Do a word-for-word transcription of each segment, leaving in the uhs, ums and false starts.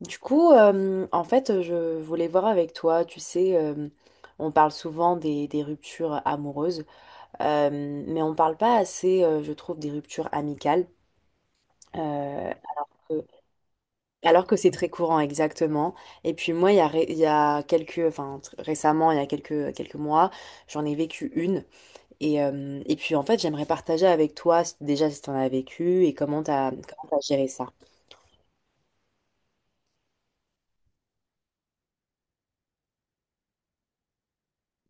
Du coup, euh, en fait, je voulais voir avec toi, tu sais, euh, on parle souvent des, des ruptures amoureuses, euh, mais on parle pas assez, euh, je trouve, des ruptures amicales, euh, euh, alors que c'est très courant, exactement. Et puis moi, il y a, ré- il y a quelques, enfin, tr- récemment, il y a quelques, quelques mois, j'en ai vécu une. Et, euh, et puis, en fait, j'aimerais partager avec toi, s- déjà, si tu en as vécu et comment t'as comment t'as géré ça.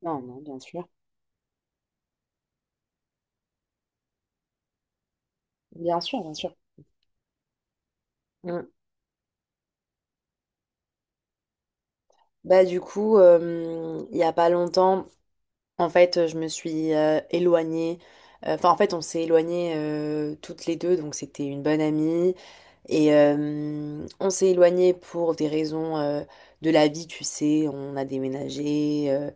Non, non, bien sûr. Bien sûr, bien sûr. Mm. Bah du coup, euh, il y a pas longtemps, en fait, je me suis euh, éloignée. Euh, Enfin, en fait, on s'est éloignés euh, toutes les deux, donc c'était une bonne amie. Et euh, on s'est éloignés pour des raisons euh, de la vie, tu sais. On a déménagé, euh,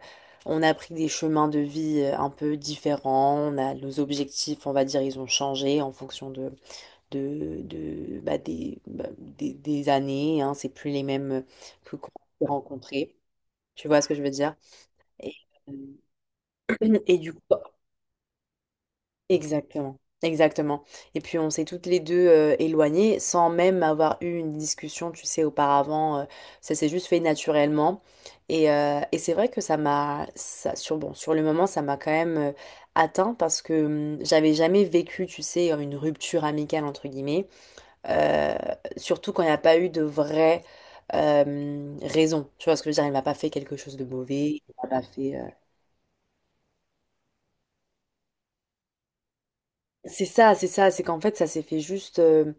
on a pris des chemins de vie euh, un peu différents. On a nos objectifs, on va dire, ils ont changé en fonction de, de, de bah, des, bah, des, des années, hein. C'est plus les mêmes que qu'on s'est rencontrés. Tu vois ce que je veux dire? Et, euh, et du coup, bah, exactement, exactement. Et puis on s'est toutes les deux euh, éloignées sans même avoir eu une discussion, tu sais, auparavant. euh, ça s'est juste fait naturellement. Et, euh, et c'est vrai que ça m'a, ça, sur, bon, sur le moment, ça m'a quand même euh, atteint parce que hum, j'avais jamais vécu, tu sais, une rupture amicale, entre guillemets. euh, surtout quand il n'y a pas eu de vraie euh, raison. Tu vois ce que je veux dire? Il m'a pas fait quelque chose de mauvais. Il m'a pas fait. Euh, C'est ça, c'est ça, c'est qu'en fait ça s'est fait juste euh,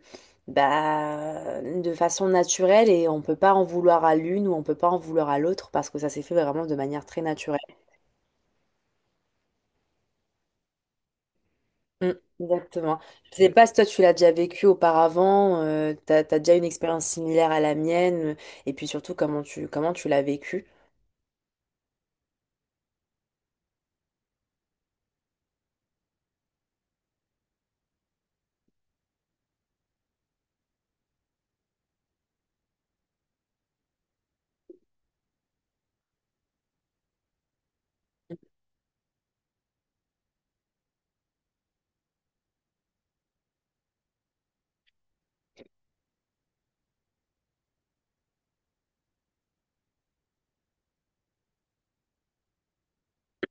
bah, de façon naturelle et on peut pas en vouloir à l'une ou on peut pas en vouloir à l'autre parce que ça s'est fait vraiment de manière très naturelle. Mm, exactement. Je sais pas si toi tu l'as déjà vécu auparavant, euh, t'as, t'as déjà une expérience similaire à la mienne, euh, et puis surtout comment tu comment tu l'as vécu.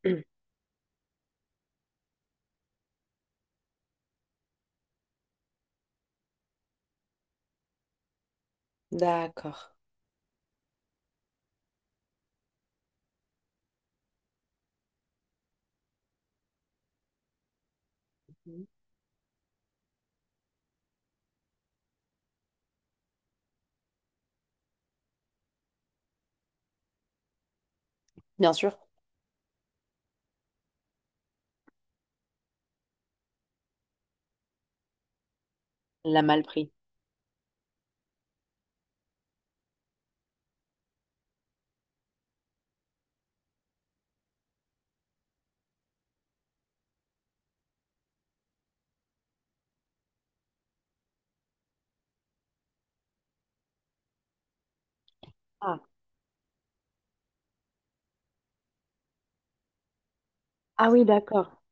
Mm. D'accord. Mhm. Bien sûr. Elle l'a mal pris. Ah. Ah oui, d'accord.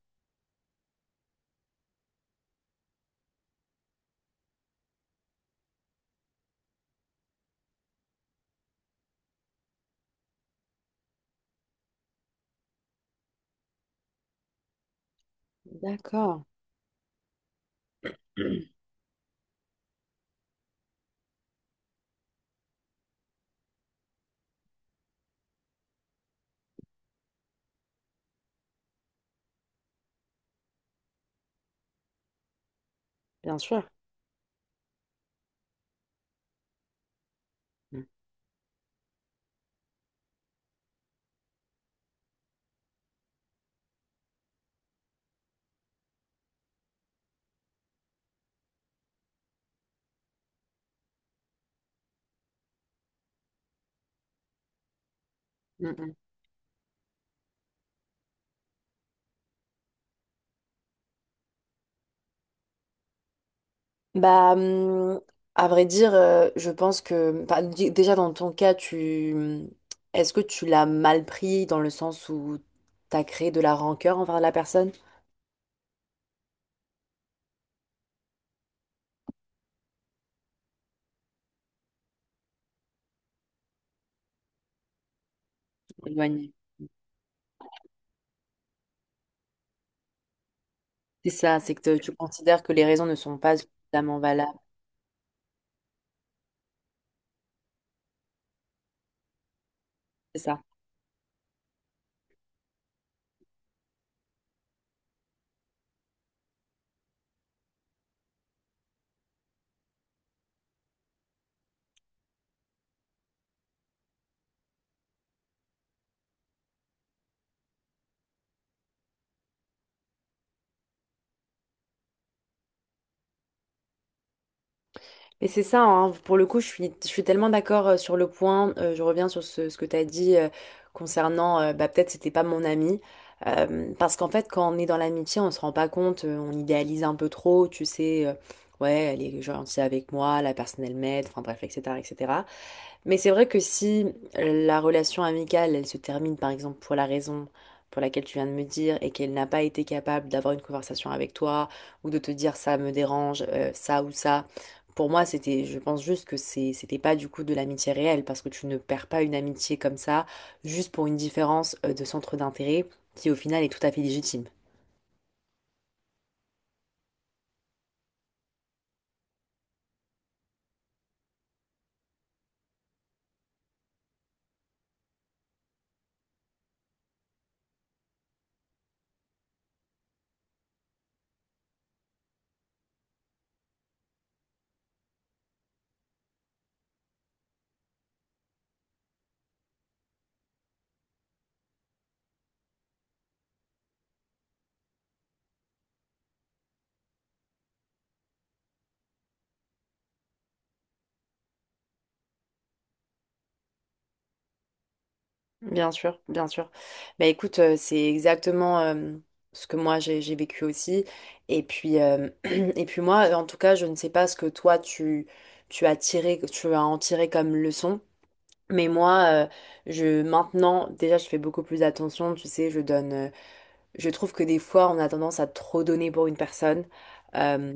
D'accord. Bien sûr. Mm, mm, mm. Bah, hum, à vrai dire, euh, je pense que bah, dé- déjà dans ton cas, tu hum, est-ce que tu l'as mal pris dans le sens où t'as créé de la rancœur envers la personne? Éloigné. C'est ça, c'est que te- tu considères que les raisons ne sont pas suffisamment valables. C'est ça. Mais c'est ça, hein. Pour le coup, je suis, je suis tellement d'accord euh, sur le point. Euh, je reviens sur ce, ce que tu as dit, euh, concernant, euh, bah, peut-être c'était pas mon ami. Euh, parce qu'en fait, quand on est dans l'amitié, on se rend pas compte, euh, on idéalise un peu trop, tu sais, euh, ouais, elle est gentille avec moi, la personne elle m'aide, enfin bref, et cætera, et cætera. Mais c'est vrai que si euh, la relation amicale, elle se termine par exemple pour la raison pour laquelle tu viens de me dire et qu'elle n'a pas été capable d'avoir une conversation avec toi ou de te dire ça me dérange, euh, ça ou ça, pour moi c'était, je pense juste que c'est, c'était pas du coup de l'amitié réelle parce que tu ne perds pas une amitié comme ça juste pour une différence euh, de centre d'intérêt qui au final est tout à fait légitime. Bien sûr, bien sûr. Bah écoute, euh, c'est exactement, euh, ce que moi j'ai j'ai vécu aussi. Et puis, euh, et puis moi, en tout cas, je ne sais pas ce que toi tu, tu as tiré, tu as en tiré comme leçon. Mais moi, euh, je maintenant, déjà, je fais beaucoup plus attention. Tu sais, je donne. euh, je trouve que des fois, on a tendance à trop donner pour une personne. Euh,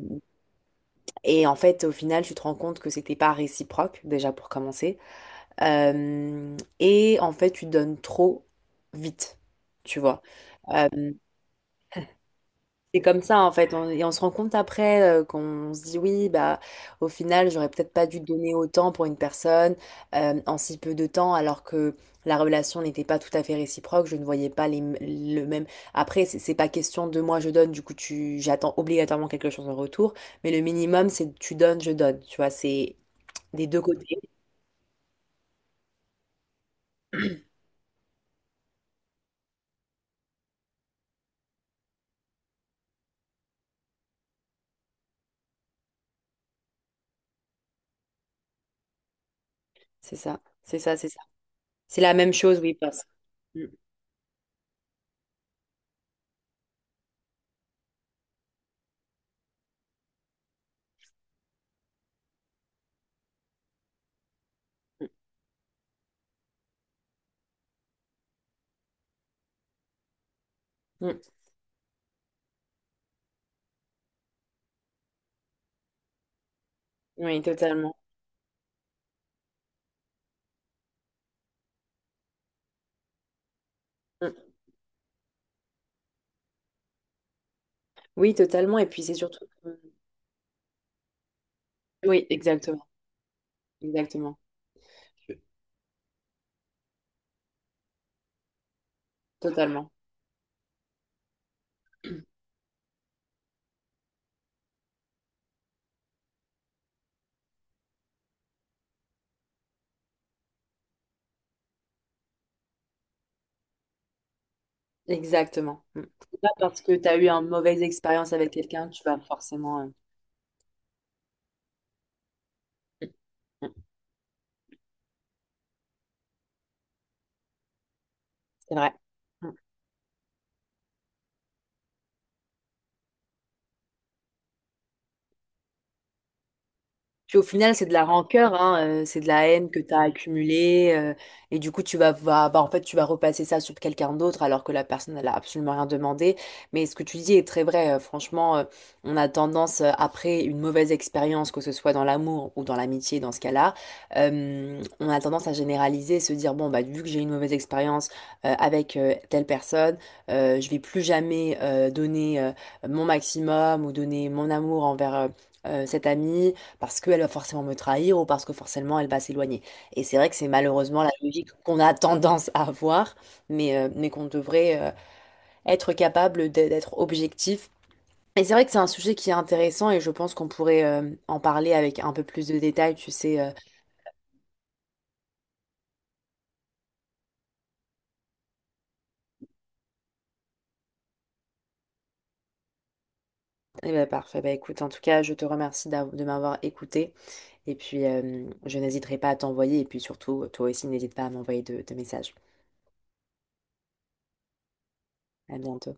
et en fait, au final, tu te rends compte que c'était pas réciproque, déjà pour commencer. Euh, et en fait, tu donnes trop vite, tu vois. Euh, c'est comme ça, en fait. On- et on se rend compte après euh, qu'on se dit, oui, bah, au final, j'aurais peut-être pas dû donner autant pour une personne euh, en si peu de temps, alors que la relation n'était pas tout à fait réciproque. Je ne voyais pas les, m- le même. Après, c'est c'est pas question de moi, je donne, du coup, tu, j'attends obligatoirement quelque chose en retour. Mais le minimum, c'est tu donnes, je donne. Tu vois, c'est des deux côtés. C'est ça. C'est ça, c'est ça. C'est la même chose, oui, passe. Mm, mm, mm. Oui, totalement. Mm. Oui, totalement. Et puis c'est surtout. Oui, exactement. Exactement. Totalement. Exactement. Mm. C'est pas parce que tu as eu une mauvaise expérience avec quelqu'un que tu vas forcément. euh, mm, mm. C'est vrai. Puis au final, c'est de la rancœur, hein, euh, c'est de la haine que tu as accumulée. euh, et du coup, tu vas, va- bah, en fait, tu vas repasser ça sur quelqu'un d'autre alors que la personne, elle a absolument rien demandé. Mais ce que tu dis est très vrai. euh, franchement, euh, on a tendance, euh, après une mauvaise expérience, que ce soit dans l'amour ou dans l'amitié, dans ce cas-là, euh, on a tendance à généraliser, se dire, bon, bah, vu que j'ai eu une mauvaise expérience euh, avec euh, telle personne, euh, je vais plus jamais euh, donner, euh, mon maximum ou donner mon amour envers... euh, euh, cet ami parce qu'elle va forcément me trahir ou parce que forcément elle va s'éloigner. Et c'est vrai que c'est malheureusement la logique qu'on a tendance à avoir, mais, euh, mais qu'on devrait euh, être capable d'e- d'être objectif. Et c'est vrai que c'est un sujet qui est intéressant et je pense qu'on pourrait euh, en parler avec un peu plus de détails, tu sais. euh. Eh ben parfait, bah écoute, en tout cas, je te remercie d'av- de m'avoir écouté et puis euh, je n'hésiterai pas à t'envoyer et puis surtout, toi aussi, n'hésite pas à m'envoyer de de messages. À bientôt.